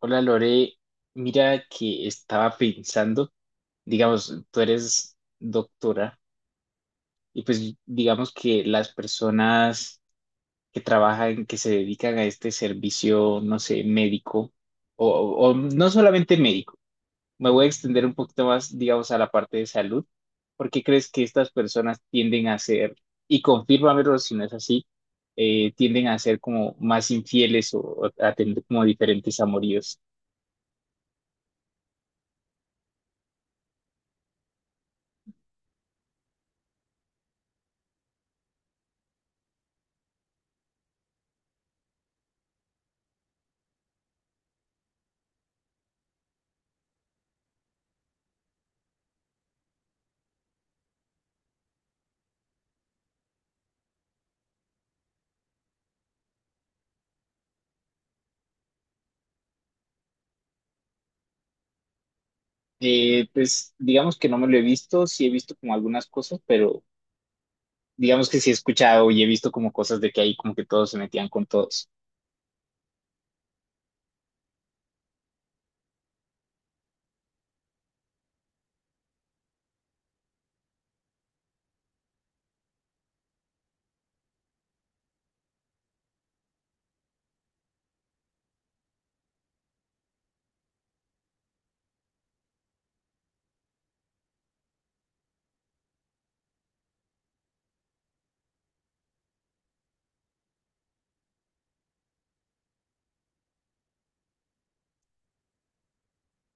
Hola Lore, mira que estaba pensando, digamos, tú eres doctora y pues digamos que las personas que trabajan, que se dedican a este servicio, no sé, médico o, o no solamente médico, me voy a extender un poquito más, digamos, a la parte de salud. ¿Por qué crees que estas personas tienden a ser, y confírmamelo si no es así, tienden a ser como más infieles o a tener como diferentes amoríos? Pues digamos que no me lo he visto, sí he visto como algunas cosas, pero digamos que sí he escuchado y he visto como cosas de que ahí como que todos se metían con todos.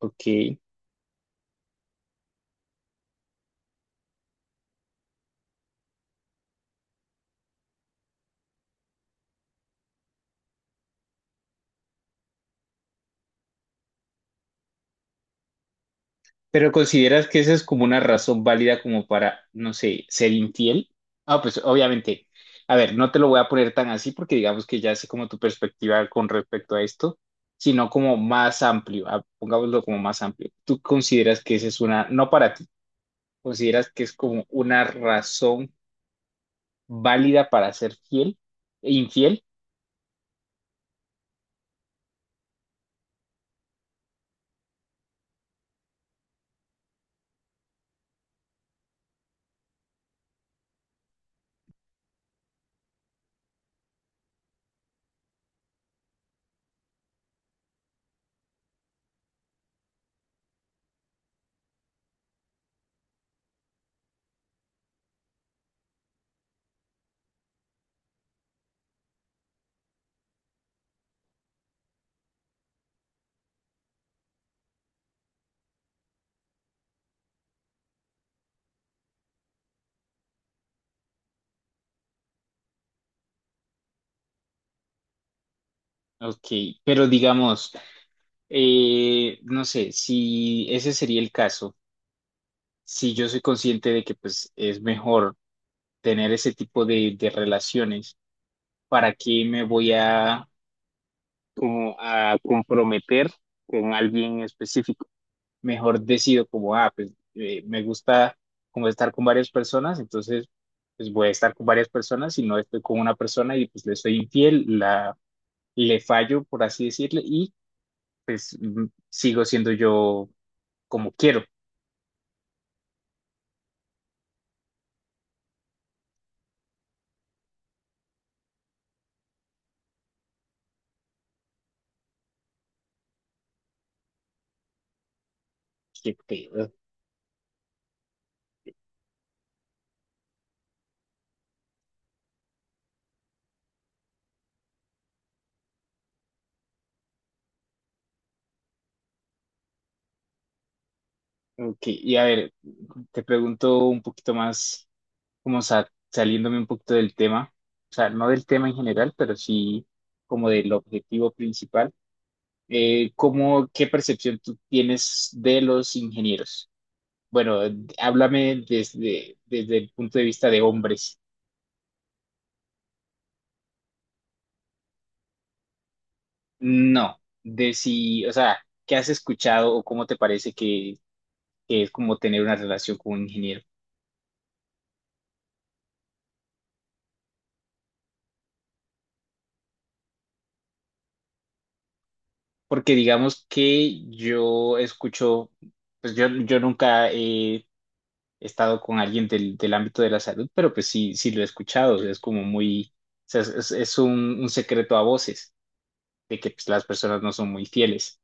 Ok. Pero ¿consideras que esa es como una razón válida como para, no sé, ser infiel? Ah, pues obviamente. A ver, no te lo voy a poner tan así porque digamos que ya sé como tu perspectiva con respecto a esto, sino como más amplio, ah, pongámoslo como más amplio. ¿Tú consideras que esa es una, no para ti, consideras que es como una razón válida para ser fiel e infiel? Ok, pero digamos, no sé, si ese sería el caso, si yo soy consciente de que pues es mejor tener ese tipo de relaciones, ¿para qué me voy a, como a comprometer con alguien específico? Mejor decido como, ah, pues me gusta como estar con varias personas, entonces pues voy a estar con varias personas y no estoy con una persona y pues le soy infiel, la le fallo, por así decirle, y pues sigo siendo yo como quiero. Qué pedo. Ok, y a ver, te pregunto un poquito más, como saliéndome un poquito del tema, o sea, no del tema en general, pero sí como del objetivo principal. ¿Cómo, qué percepción tú tienes de los ingenieros? Bueno, háblame desde, desde el punto de vista de hombres. No, de si, o sea, ¿qué has escuchado o cómo te parece que es como tener una relación con un ingeniero? Porque digamos que yo escucho, pues yo, nunca he estado con alguien del, del ámbito de la salud, pero pues sí, sí lo he escuchado, o sea, es como muy, o sea, es, es un secreto a voces de que pues, las personas no son muy fieles.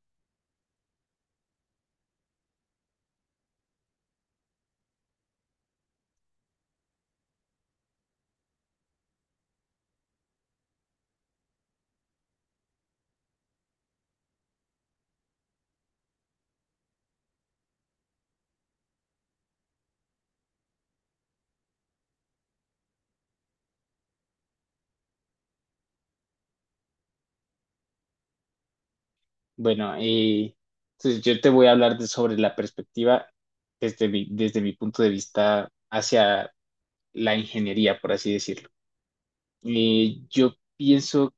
Bueno, entonces yo te voy a hablar sobre la perspectiva desde mi punto de vista hacia la ingeniería, por así decirlo. Eh, yo pienso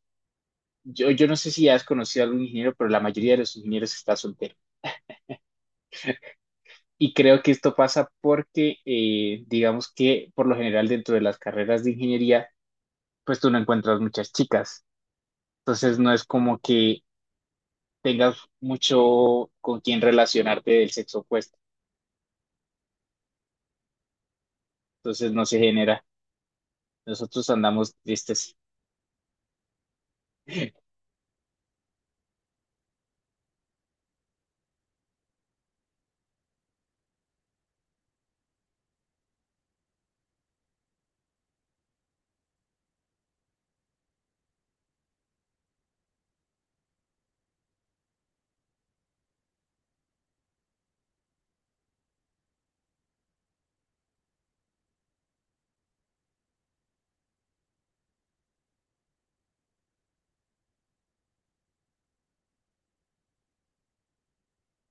Yo, no sé si has conocido a algún ingeniero, pero la mayoría de los ingenieros está soltero. Y creo que esto pasa porque, digamos que por lo general dentro de las carreras de ingeniería, pues tú no encuentras muchas chicas. Entonces no es como que tengas mucho con quien relacionarte del sexo opuesto. Entonces no se genera. Nosotros andamos tristes.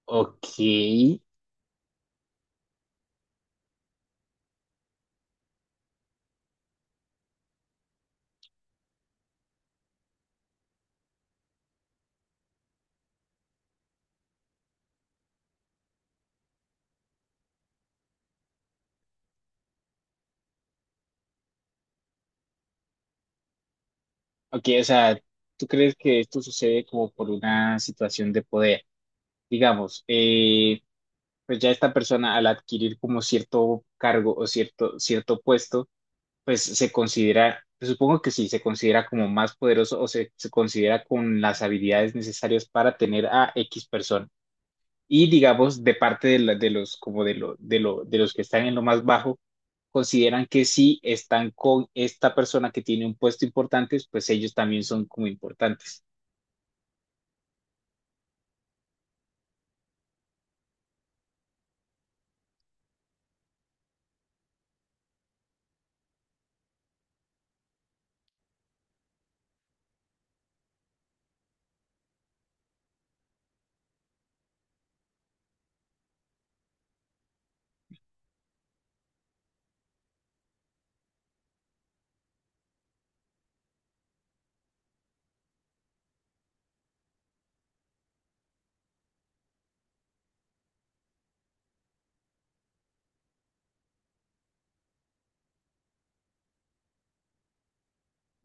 Ok, ok, o sea, ¿tú crees que esto sucede como por una situación de poder? Digamos, pues ya esta persona al adquirir como cierto cargo o cierto, cierto puesto, pues se considera, pues, supongo que sí, se considera como más poderoso o se considera con las habilidades necesarias para tener a X persona. Y digamos, de parte de, de los, como de, lo, de, lo, de los que están en lo más bajo, consideran que si están con esta persona que tiene un puesto importante, pues ellos también son como importantes.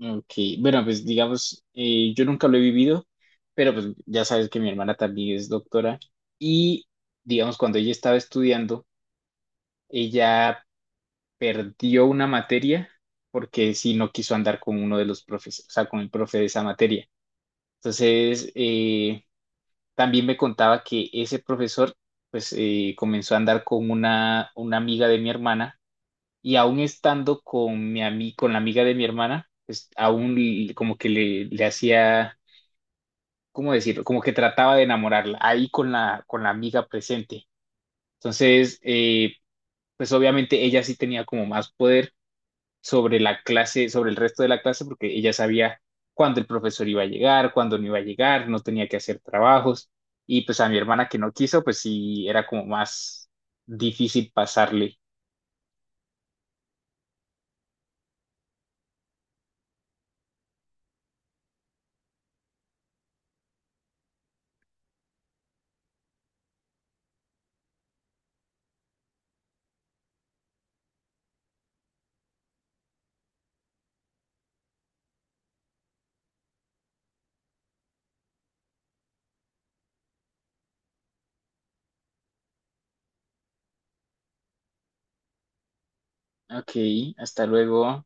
Ok, bueno, pues digamos, yo nunca lo he vivido, pero pues ya sabes que mi hermana también es doctora y digamos, cuando ella estaba estudiando, ella perdió una materia porque sí no quiso andar con uno de los profes, o sea, con el profe de esa materia. Entonces, también me contaba que ese profesor, pues, comenzó a andar con una amiga de mi hermana y aún estando con con la amiga de mi hermana, pues aún como que le hacía, ¿cómo decirlo? Como que trataba de enamorarla ahí con la amiga presente. Entonces, pues obviamente ella sí tenía como más poder sobre la clase, sobre el resto de la clase, porque ella sabía cuándo el profesor iba a llegar, cuándo no iba a llegar, no tenía que hacer trabajos. Y pues a mi hermana que no quiso, pues sí era como más difícil pasarle. Ok, hasta luego.